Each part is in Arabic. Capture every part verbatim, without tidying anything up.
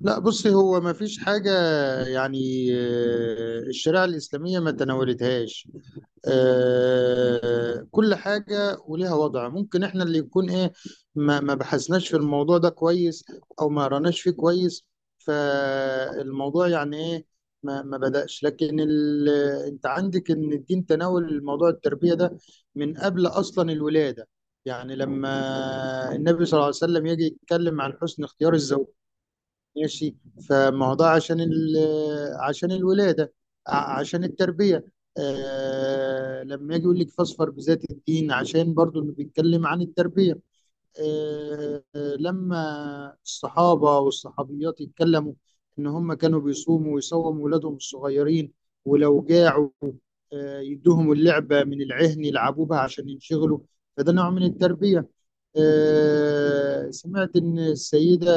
لا، بصي هو ما فيش حاجة. يعني آه، الشريعة الإسلامية ما تناولتهاش. آه، كل حاجة وليها وضع، ممكن احنا اللي يكون ايه، ما ما بحثناش في الموضوع ده كويس، أو ما قرناش فيه كويس. فالموضوع يعني ايه، ما ما بدأش. لكن ال... انت عندك ان الدين تناول موضوع التربية ده من قبل أصلا الولادة. يعني لما النبي صلى الله عليه وسلم يجي يتكلم عن حسن اختيار الزوجين. ماشي. فما هو ده عشان ال عشان الولادة، ع- عشان التربية. آه لما يجي يقول لك فاظفر بذات الدين، عشان برضو اللي بيتكلم عن التربية. آه آه، لما الصحابة والصحابيات يتكلموا إن هم كانوا بيصوموا ويصوموا ولادهم الصغيرين، ولو جاعوا آه يدوهم اللعبة من العهن يلعبوا بها عشان ينشغلوا. فده نوع من التربية. آه سمعت إن السيدة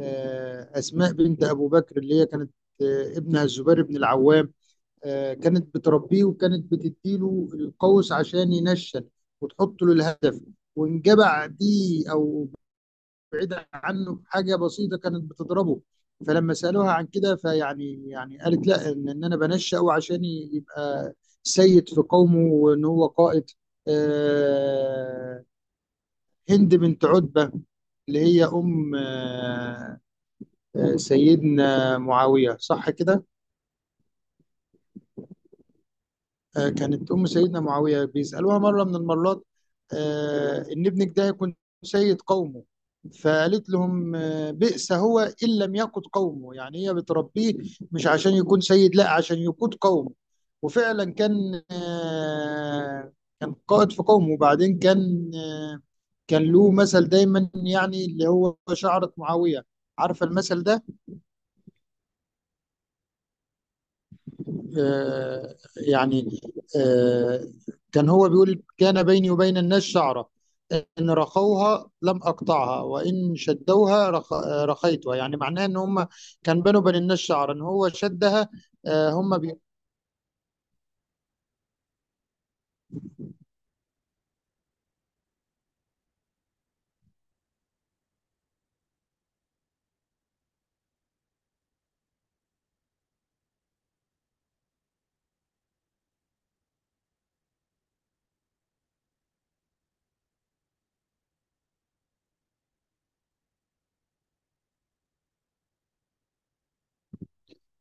آه، أسماء بنت أبو بكر اللي هي كانت، آه، ابنها الزبير بن العوام، آه، كانت بتربيه وكانت بتديله القوس عشان ينشن وتحط له الهدف، وإن جبع دي أو بعيدة عنه حاجة بسيطة كانت بتضربه. فلما سألوها عن كده فيعني يعني قالت: لا، إن, إن أنا بنشأه عشان يبقى سيد في قومه، وإن هو قائد. آه، هند بنت عتبة اللي هي أم آه، آه، سيدنا معاوية، صح كده؟ آه، كانت أم سيدنا معاوية بيسألوها مرة من المرات آه، إن ابنك ده يكون سيد قومه. فقالت لهم: آه، بئس هو إن لم يقود قومه. يعني هي بتربيه مش عشان يكون سيد، لا عشان يقود قومه. وفعلا كان آه، كان قائد في قومه. وبعدين كان آه، كان له مثل دايما، يعني اللي هو شعرة معاوية، عارفة المثل ده؟ آه، يعني آه، كان هو بيقول: كان بيني وبين الناس شعرة، إن رخوها لم أقطعها، وإن شدوها رخ... آه، رخيتها. يعني معناه إن هم كان بينه وبين الناس شعرة إن هو شدها. آه، هم بي...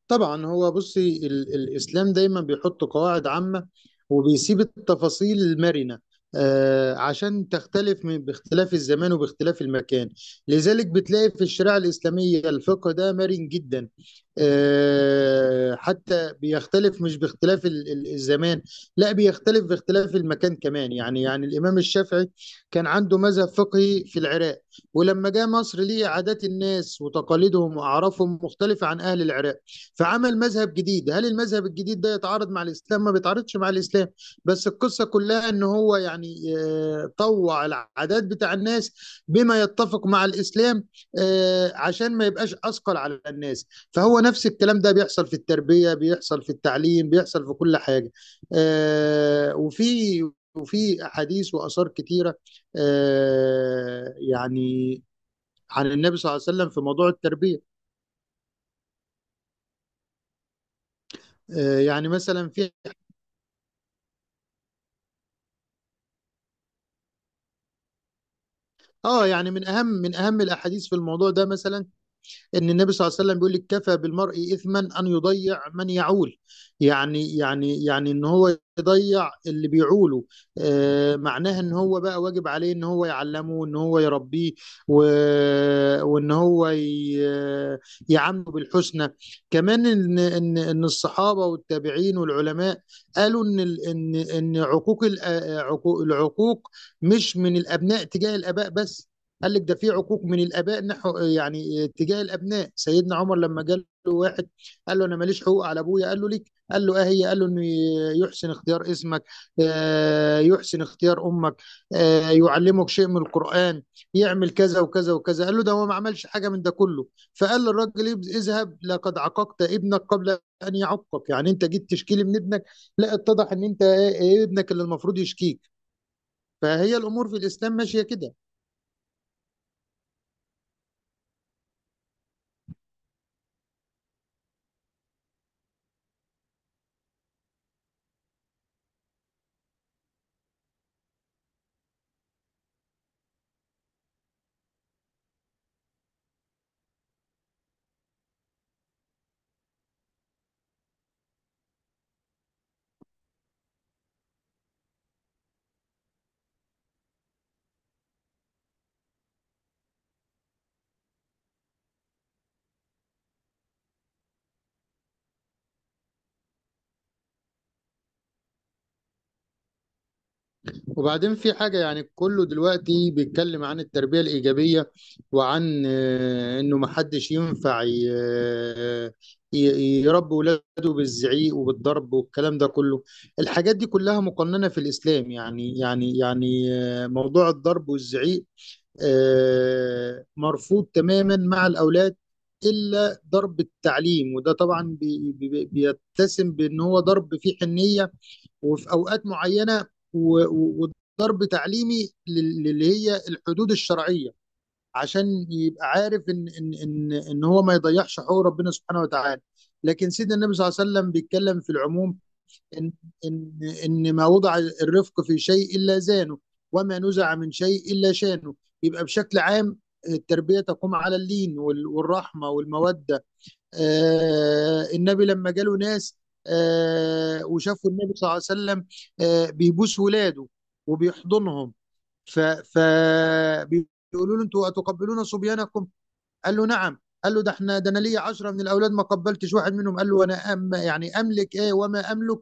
طبعا. هو بصي ال الإسلام دايما بيحط قواعد عامة وبيسيب التفاصيل المرنة، آه عشان تختلف من باختلاف الزمان وباختلاف المكان. لذلك بتلاقي في الشريعة الإسلامية الفقه ده مرن جدا. آه حتى بيختلف، مش باختلاف ال ال الزمان، لا، بيختلف باختلاف المكان كمان. يعني يعني الإمام الشافعي كان عنده مذهب فقهي في العراق، ولما جاء مصر، ليه عادات الناس وتقاليدهم وأعرافهم مختلفة عن أهل العراق، فعمل مذهب جديد. هل المذهب الجديد ده يتعارض مع الاسلام؟ ما بيتعارضش مع الاسلام. بس القصه كلها ان هو يعني آه، طوع العادات بتاع الناس بما يتفق مع الاسلام، آه، عشان ما يبقاش اثقل على الناس. فهو نفس الكلام ده بيحصل في التربيه، بيحصل في التعليم، بيحصل في كل حاجه. آه، وفي وفي احاديث واثار كتيره، آه، يعني عن النبي صلى الله عليه وسلم في موضوع التربيه. آه، يعني مثلا في اه يعني من اهم من اهم الاحاديث في الموضوع ده مثلا، ان النبي صلى الله عليه وسلم بيقول لك: كفى بالمرء اثما ان يضيع من يعول. يعني يعني يعني ان هو يضيع اللي بيعوله. آه معناها ان هو بقى واجب عليه ان هو يعلمه، ان هو يربيه، و... وان هو ي... يعامله بالحسنى. كمان ان ان ان الصحابه والتابعين والعلماء قالوا ان ال... ان ان عقوق الأ- عقوق- العقوق مش من الابناء تجاه الاباء بس، قال لك ده في عقوق من الاباء نحو، يعني تجاه الابناء. سيدنا عمر لما جاء له واحد قال له: انا ماليش حقوق على ابويا. قال له: ليك. قال له: اه، هي؟ قال له: انه يحسن اختيار اسمك، آه، يحسن اختيار امك، آه، يعلمك شيء من القران، يعمل كذا وكذا وكذا. قال له: ده هو ما عملش حاجه من ده كله. فقال للراجل: اذهب، لقد عاقبت ابنك قبل ان يعقك. يعني انت جيت تشكيلي من ابنك؟ لا، اتضح ان انت آه، آه، ابنك اللي المفروض يشكيك. فهي الامور في الاسلام ماشيه كده. وبعدين في حاجة. يعني كله دلوقتي بيتكلم عن التربية الإيجابية، وعن آه، إنه محدش ينفع ي- آه، ي- يربي ولاده بالزعيق وبالضرب والكلام ده كله. الحاجات دي كلها مقننة في الإسلام. يعني يعني يعني آه، موضوع الضرب والزعيق آه، مرفوض تماما مع الأولاد، إلا ضرب التعليم. وده طبعا بي- بي- بيتسم بأن هو ضرب فيه حنية، وفي اوقات معينه، و- و- وضرب تعليمي لل- للي هي الحدود الشرعيه، عشان يبقى عارف ان ان ان ان هو ما يضيعش حقوق ربنا سبحانه وتعالى. لكن سيدنا النبي صلى الله عليه وسلم بيتكلم في العموم ان ان ان ما وضع الرفق في شيء الا زانه، وما نزع من شيء الا شانه. يبقى بشكل عام التربيه تقوم على اللين وال- والرحمه والموده. آه، النبي لما جاله ناس آه، وشافوا النبي صلى الله عليه وسلم آه، بيبوس ولاده وبيحضنهم، ف فبيقولوا له: انتوا اتقبلون صبيانكم؟ قال له: نعم. قال له: ده احنا ده انا ليا عشرة من الاولاد ما قبلتش واحد منهم. قال له: انا أم يعني املك ايه وما املك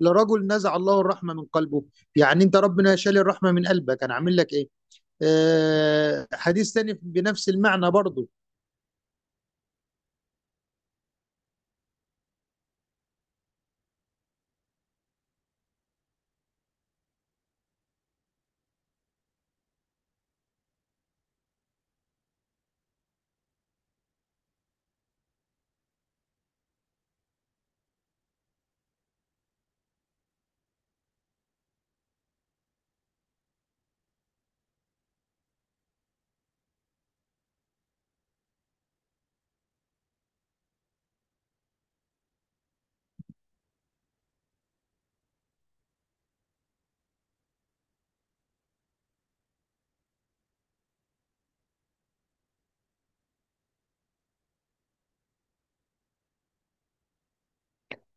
لرجل نزع الله الرحمه من قلبه؟ يعني انت ربنا شال الرحمه من قلبك، انا عامل لك ايه؟ آه، حديث تاني بنفس المعنى برضه.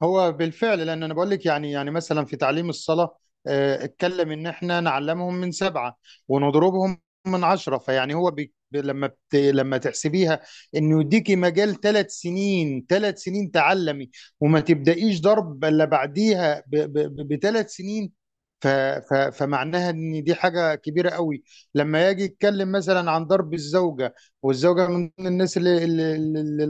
هو بالفعل، لان انا بقول لك، يعني يعني مثلا في تعليم الصلاه آه، اتكلم ان احنا نعلمهم من سبعه ونضربهم من عشره. فيعني هو بي ب- لما بت لما تحسبيها، انه يديكي مجال ثلاث سنين، ثلاث سنين تعلمي، وما تبدايش ضرب الا بعديها بثلاث سنين. ف ف فمعناها ان دي حاجه كبيره قوي. لما يجي يتكلم مثلا عن ضرب الزوجه، والزوجة من الناس اللي اللي اللي اللي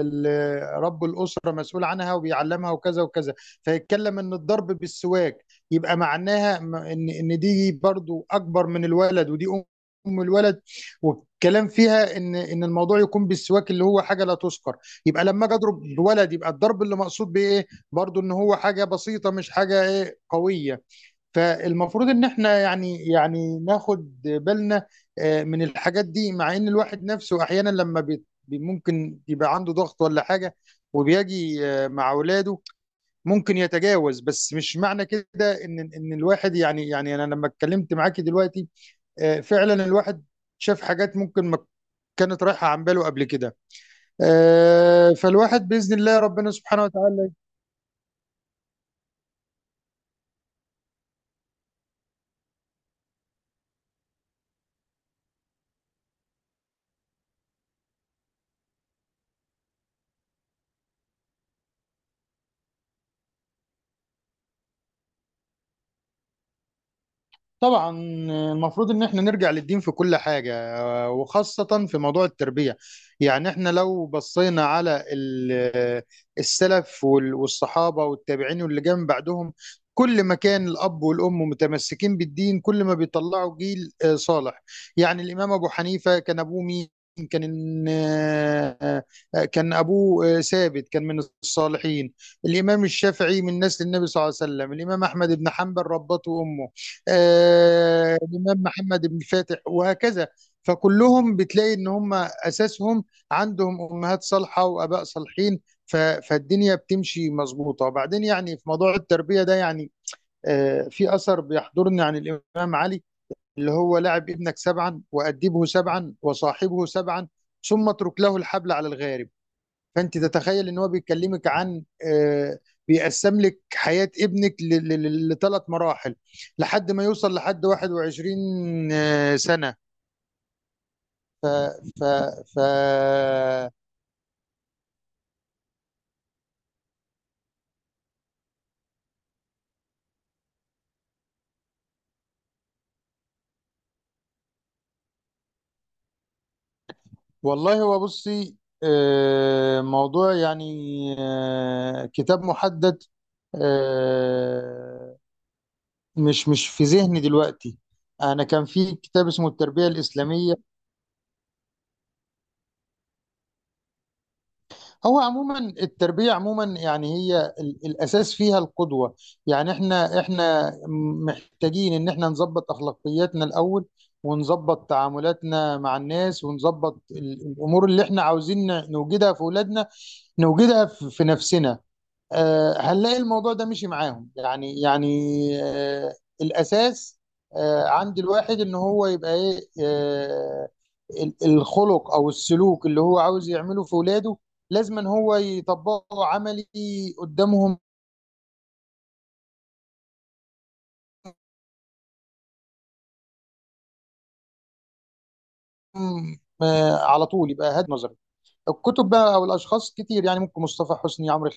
اللي رب الأسرة مسؤول عنها وبيعلمها وكذا وكذا، فيتكلم إن الضرب بالسواك. يبقى معناها م- إن إن دي برضو أكبر من الولد، ودي أم أم الولد. والكلام فيها إن إن الموضوع يكون بالسواك، اللي هو حاجة لا تذكر. يبقى لما أجي أضرب بولد، يبقى الضرب اللي مقصود بإيه؟ برضو إن هو حاجة بسيطة، مش حاجة إيه قوية. فالمفروض ان احنا يعني يعني ناخد بالنا آه، من الحاجات دي. مع ان الواحد نفسه احيانا لما بي بي- ممكن يبقى عنده ضغط ولا حاجة، وبيجي آه، مع اولاده ممكن يتجاوز. بس مش معنى كده ان ان الواحد يعني، يعني انا لما اتكلمت معاكي دلوقتي آه، فعلا الواحد شاف حاجات ممكن ما كانت رايحة عن باله قبل كده. آه، فالواحد بإذن الله ربنا سبحانه وتعالى. طبعا. آه، المفروض ان احنا نرجع للدين في كل حاجة، وخاصة في موضوع التربية. يعني احنا لو بصينا على ال- السلف وال- والصحابة والتابعين واللي جم بعدهم، كل ما كان الأب والأم متمسكين بالدين كل ما بيطلعوا جيل آه، صالح. يعني الإمام أبو حنيفة كان أبوه مين؟ كان آه، آه، كان أبوه آه، ثابت، كان من الصالحين. الإمام الشافعي من نسل النبي صلى الله عليه وسلم. الإمام أحمد بن حنبل ربته أمه. آه، الإمام محمد بن فاتح، وهكذا. فكلهم بتلاقي ان هم اساسهم عندهم امهات صالحه واباء صالحين. ف- فالدنيا بتمشي مظبوطه. وبعدين يعني في موضوع التربيه ده، يعني آه، في اثر بيحضرني عن الامام علي، اللي هو: لعب ابنك سبعا، وادبه سبعا، وصاحبه سبعا، ثم اترك له الحبل على الغارب. فانت تتخيل ان هو بيكلمك عن آه، بيقسم لك حياه ابنك لثلاث مراحل، لحد ما يوصل لحد واحد وعشرين سنه. ف ف ف والله، هو بصي آه، موضوع، يعني آه، كتاب محدد آه، مش مش في ذهني دلوقتي. انا كان في كتاب اسمه التربية الإسلامية. هو عموما التربية عموما يعني هي ال- الأساس فيها القدوة. يعني احنا احنا محتاجين ان احنا نظبط أخلاقياتنا الأول، ونظبط تعاملاتنا مع الناس، ونظبط ال- الأمور اللي احنا عاوزين نوجدها في أولادنا، نوجدها في في نفسنا. آه، هنلاقي الموضوع ده مشي معاهم. يعني يعني آه، الأساس آه، عند الواحد إن هو يبقى إيه، آه، ال- الخلق أو السلوك اللي هو عاوز يعمله في ولاده لازم إن هو يطبقه عملي قدامهم. آه، على طول. يبقى هاد نظري. الكتب بقى أو الأشخاص كتير، يعني ممكن مصطفى حسني، عمرو